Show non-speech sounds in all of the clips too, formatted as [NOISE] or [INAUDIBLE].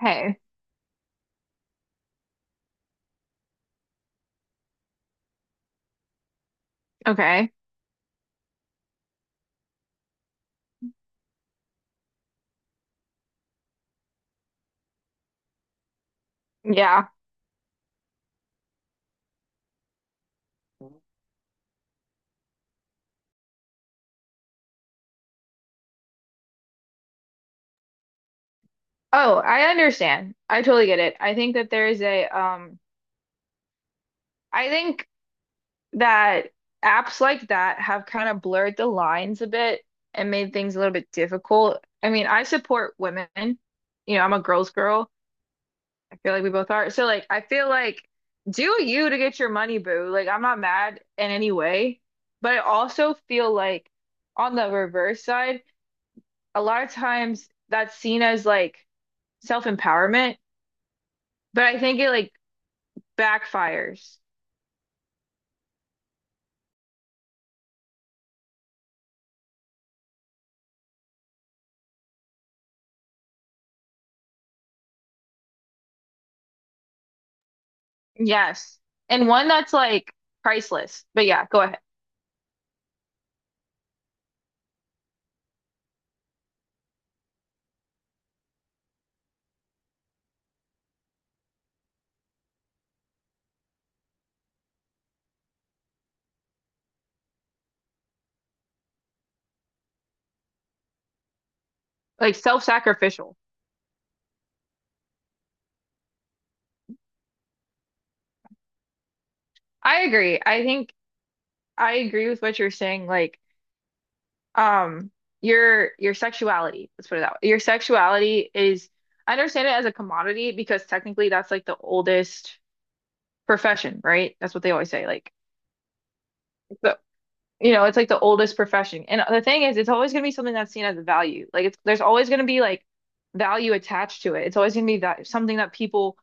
Hey. Okay. Yeah. Oh, I understand. I totally get it. I think that there is a I think that apps like that have kind of blurred the lines a bit and made things a little bit difficult. I mean, I support women. You know, I'm a girl's girl. I feel like we both are. So like I feel like do you to get your money, boo. Like I'm not mad in any way, but I also feel like on the reverse side, a lot of times that's seen as like self-empowerment, but I think it like backfires. Yes. And one that's like priceless. But yeah, go ahead. Like self-sacrificial. I agree. I think I agree with what you're saying. Like, um, your sexuality, let's put it that way. Your sexuality is I understand it as a commodity because technically that's like the oldest profession, right? That's what they always say. Like the You know, it's like the oldest profession. And the thing is, it's always going to be something that's seen as a value. Like it's there's always going to be like value attached to it. It's always going to be that something that people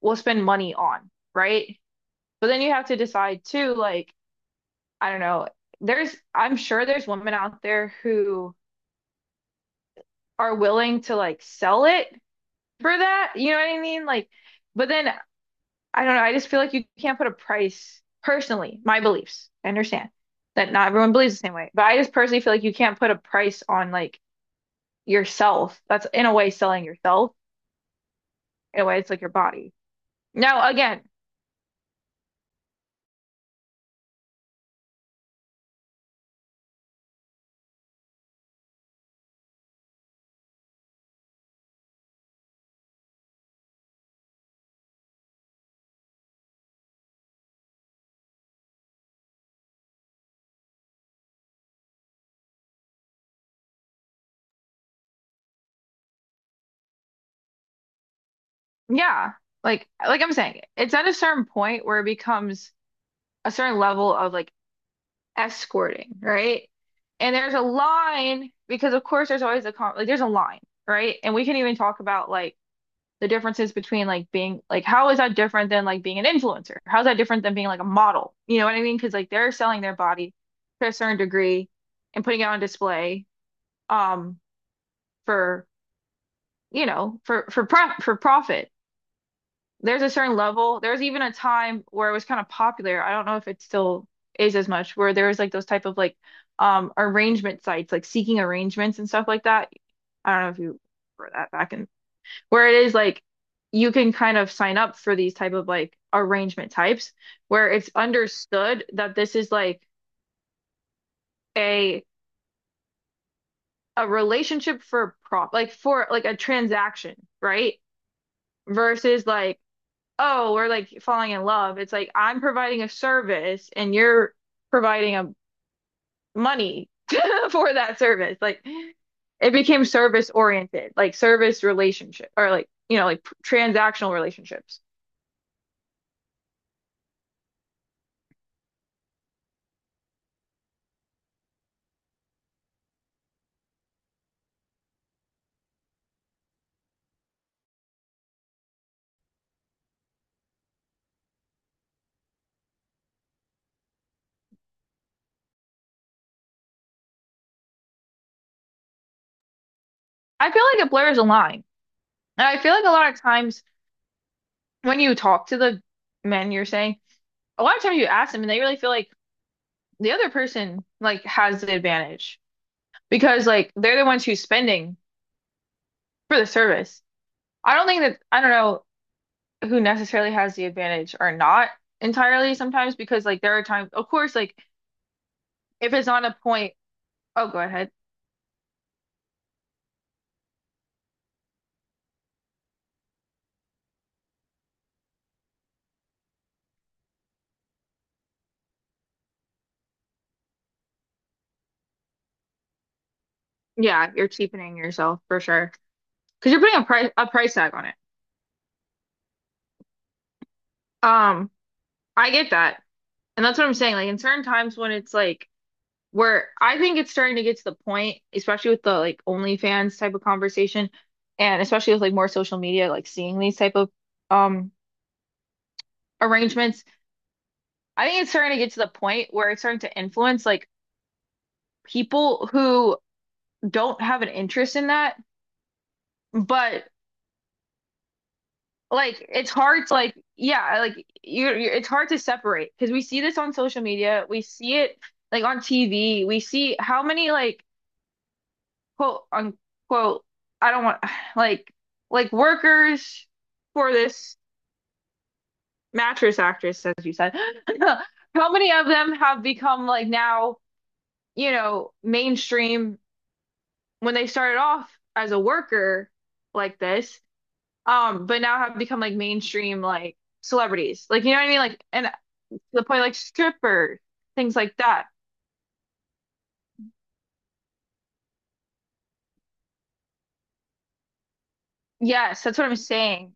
will spend money on, right? But then you have to decide too, like, I don't know, there's I'm sure there's women out there who are willing to like sell it for that. You know what I mean? Like, but then I don't know, I just feel like you can't put a price personally, my beliefs. I understand that not everyone believes the same way, but I just personally feel like you can't put a price on like yourself. That's in a way selling yourself. In a way, it's like your body. Now, again, yeah, like I'm saying, it's at a certain point where it becomes a certain level of like escorting, right? And there's a line because of course there's always a con like there's a line, right? And we can even talk about like the differences between like being like how is that different than like being an influencer? How's that different than being like a model? You know what I mean? Because like they're selling their body to a certain degree and putting it on display um for you know, for pro for profit. There's a certain level. There's even a time where it was kind of popular. I don't know if it still is as much, where there was like those type of like arrangement sites, like seeking arrangements and stuff like that. I don't know if you remember that back in where it is like you can kind of sign up for these type of like arrangement types where it's understood that this is like a a relationship for prop like for like a transaction, right? Versus like oh, we're like falling in love. It's like I'm providing a service and you're providing a money [LAUGHS] for that service. Like it became service oriented, like service relationship or like, you know, like transactional relationships. I feel like it blurs the line. And I feel like a lot of times when you talk to the men you're saying, a lot of times you ask them and they really feel like the other person like has the advantage because like they're the ones who's spending for the service. I don't think that I don't know who necessarily has the advantage are not entirely sometimes because like there are times of course like if it's on a point oh go ahead yeah you're cheapening yourself for sure because you're putting a price tag on it um I get that and that's what I'm saying like in certain times when it's like where I think it's starting to get to the point especially with the like OnlyFans type of conversation and especially with like more social media like seeing these type of um arrangements I think it's starting to get to the point where it's starting to influence like people who don't have an interest in that, but like it's hard to like yeah, like you it's hard to separate because we see this on social media, we see it like on TV, we see how many like quote unquote I don't want [SIGHS] like like workers for this mattress actress as you said. [LAUGHS] How many of them have become like now, you know, mainstream when they started off as a worker like this but now have become like mainstream like celebrities. Like you know what I mean? Like and to the point like stripper, things like that. Yes, that's what I'm saying.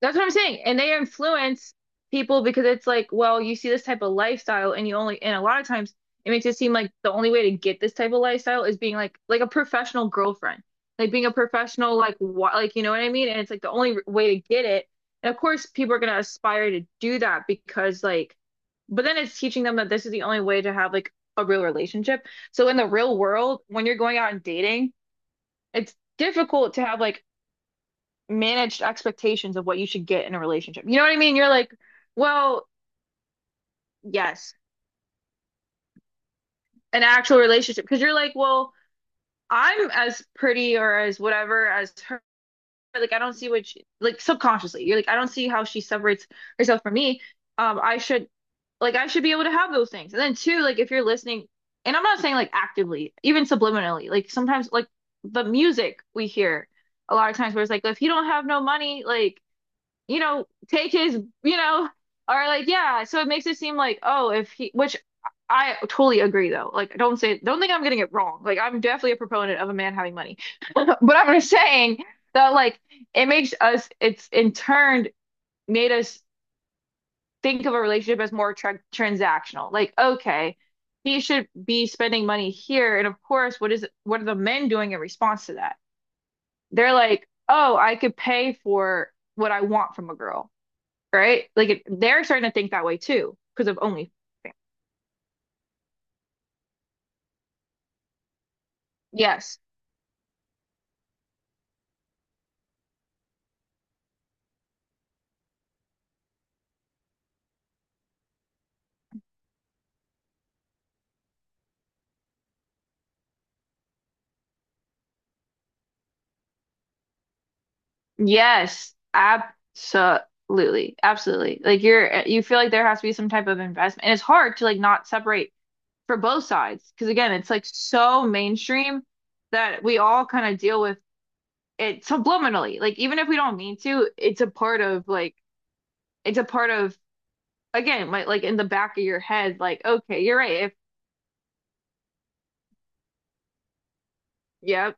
That's what I'm saying. And they influence people because it's like, well, you see this type of lifestyle and you only, and a lot of times it makes it seem like the only way to get this type of lifestyle is being like a professional girlfriend, like being a professional, like what, like, you know what I mean? And it's like the only r- way to get it. And of course, people are going to aspire to do that because like, but then it's teaching them that this is the only way to have like a real relationship. So in the real world, when you're going out and dating, it's difficult to have like managed expectations of what you should get in a relationship. You know what I mean? You're like, well, yes, an actual relationship. Because you're like, well, I'm as pretty or as whatever as her. Like, I don't see what she, like subconsciously, you're like, I don't see how she separates herself from me. I should, like, I should be able to have those things. And then two, like, if you're listening, and I'm not saying like actively, even subliminally, like sometimes like the music we hear a lot of times where it's like, if you don't have no money, like you know, take his, you know, or like, yeah. So it makes it seem like, oh, if he, which I totally agree though. Like, don't say, don't think I'm getting it wrong. Like, I'm definitely a proponent of a man having money, [LAUGHS] but I'm just saying that, like, it makes us, it's in turn made us think of a relationship as more transactional. Like, okay, he should be spending money here. And of course, what is, what are the men doing in response to that? They're like, oh, I could pay for what I want from a girl right? Like it, they're starting to think that way too because of only. Yes. Yes. Absolutely. Absolutely. Like you're you feel like there has to be some type of investment. And it's hard to like not separate for both sides because again, it's like so mainstream that we all kind of deal with it subliminally. Like even if we don't mean to, it's a part of like it's a part of again, like in the back of your head like okay, you're right. If yeah,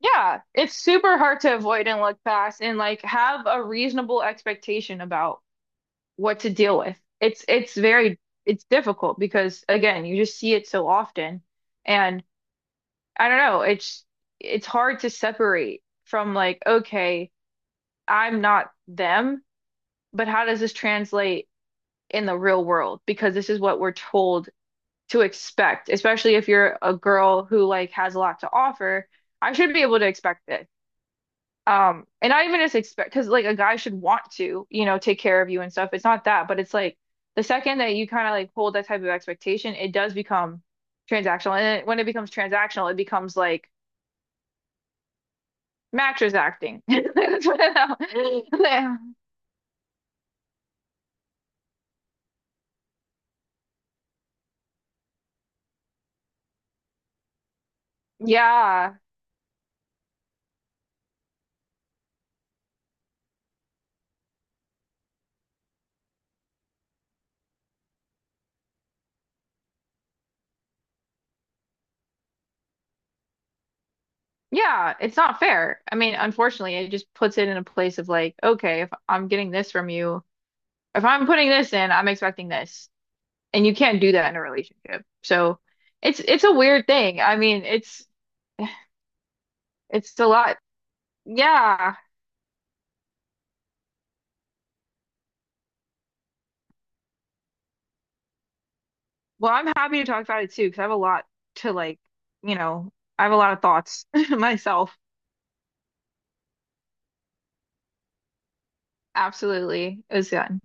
yeah, it's super hard to avoid and look past and like have a reasonable expectation about what to deal with. It's very it's difficult because again, you just see it so often and I don't know, it's hard to separate from like, okay, I'm not them, but how does this translate in the real world? Because this is what we're told to expect, especially if you're a girl who like has a lot to offer. I should be able to expect this. And not even just expect because like a guy should want to, you know, take care of you and stuff. It's not that, but it's like the second that you kind of like hold that type of expectation, it does become transactional. And it, when it becomes transactional, it becomes like mattress acting. [LAUGHS] That's what I- [LAUGHS] Yeah. Yeah, it's not fair. I mean, unfortunately, it just puts it in a place of like, okay, if I'm getting this from you, if I'm putting this in, I'm expecting this. And you can't do that in a relationship. So it's a weird thing. I mean, it's a lot. Yeah. Well, I'm happy to talk about it too, because I have a lot to like, you know, I have a lot of thoughts [LAUGHS] myself. Absolutely. It was good.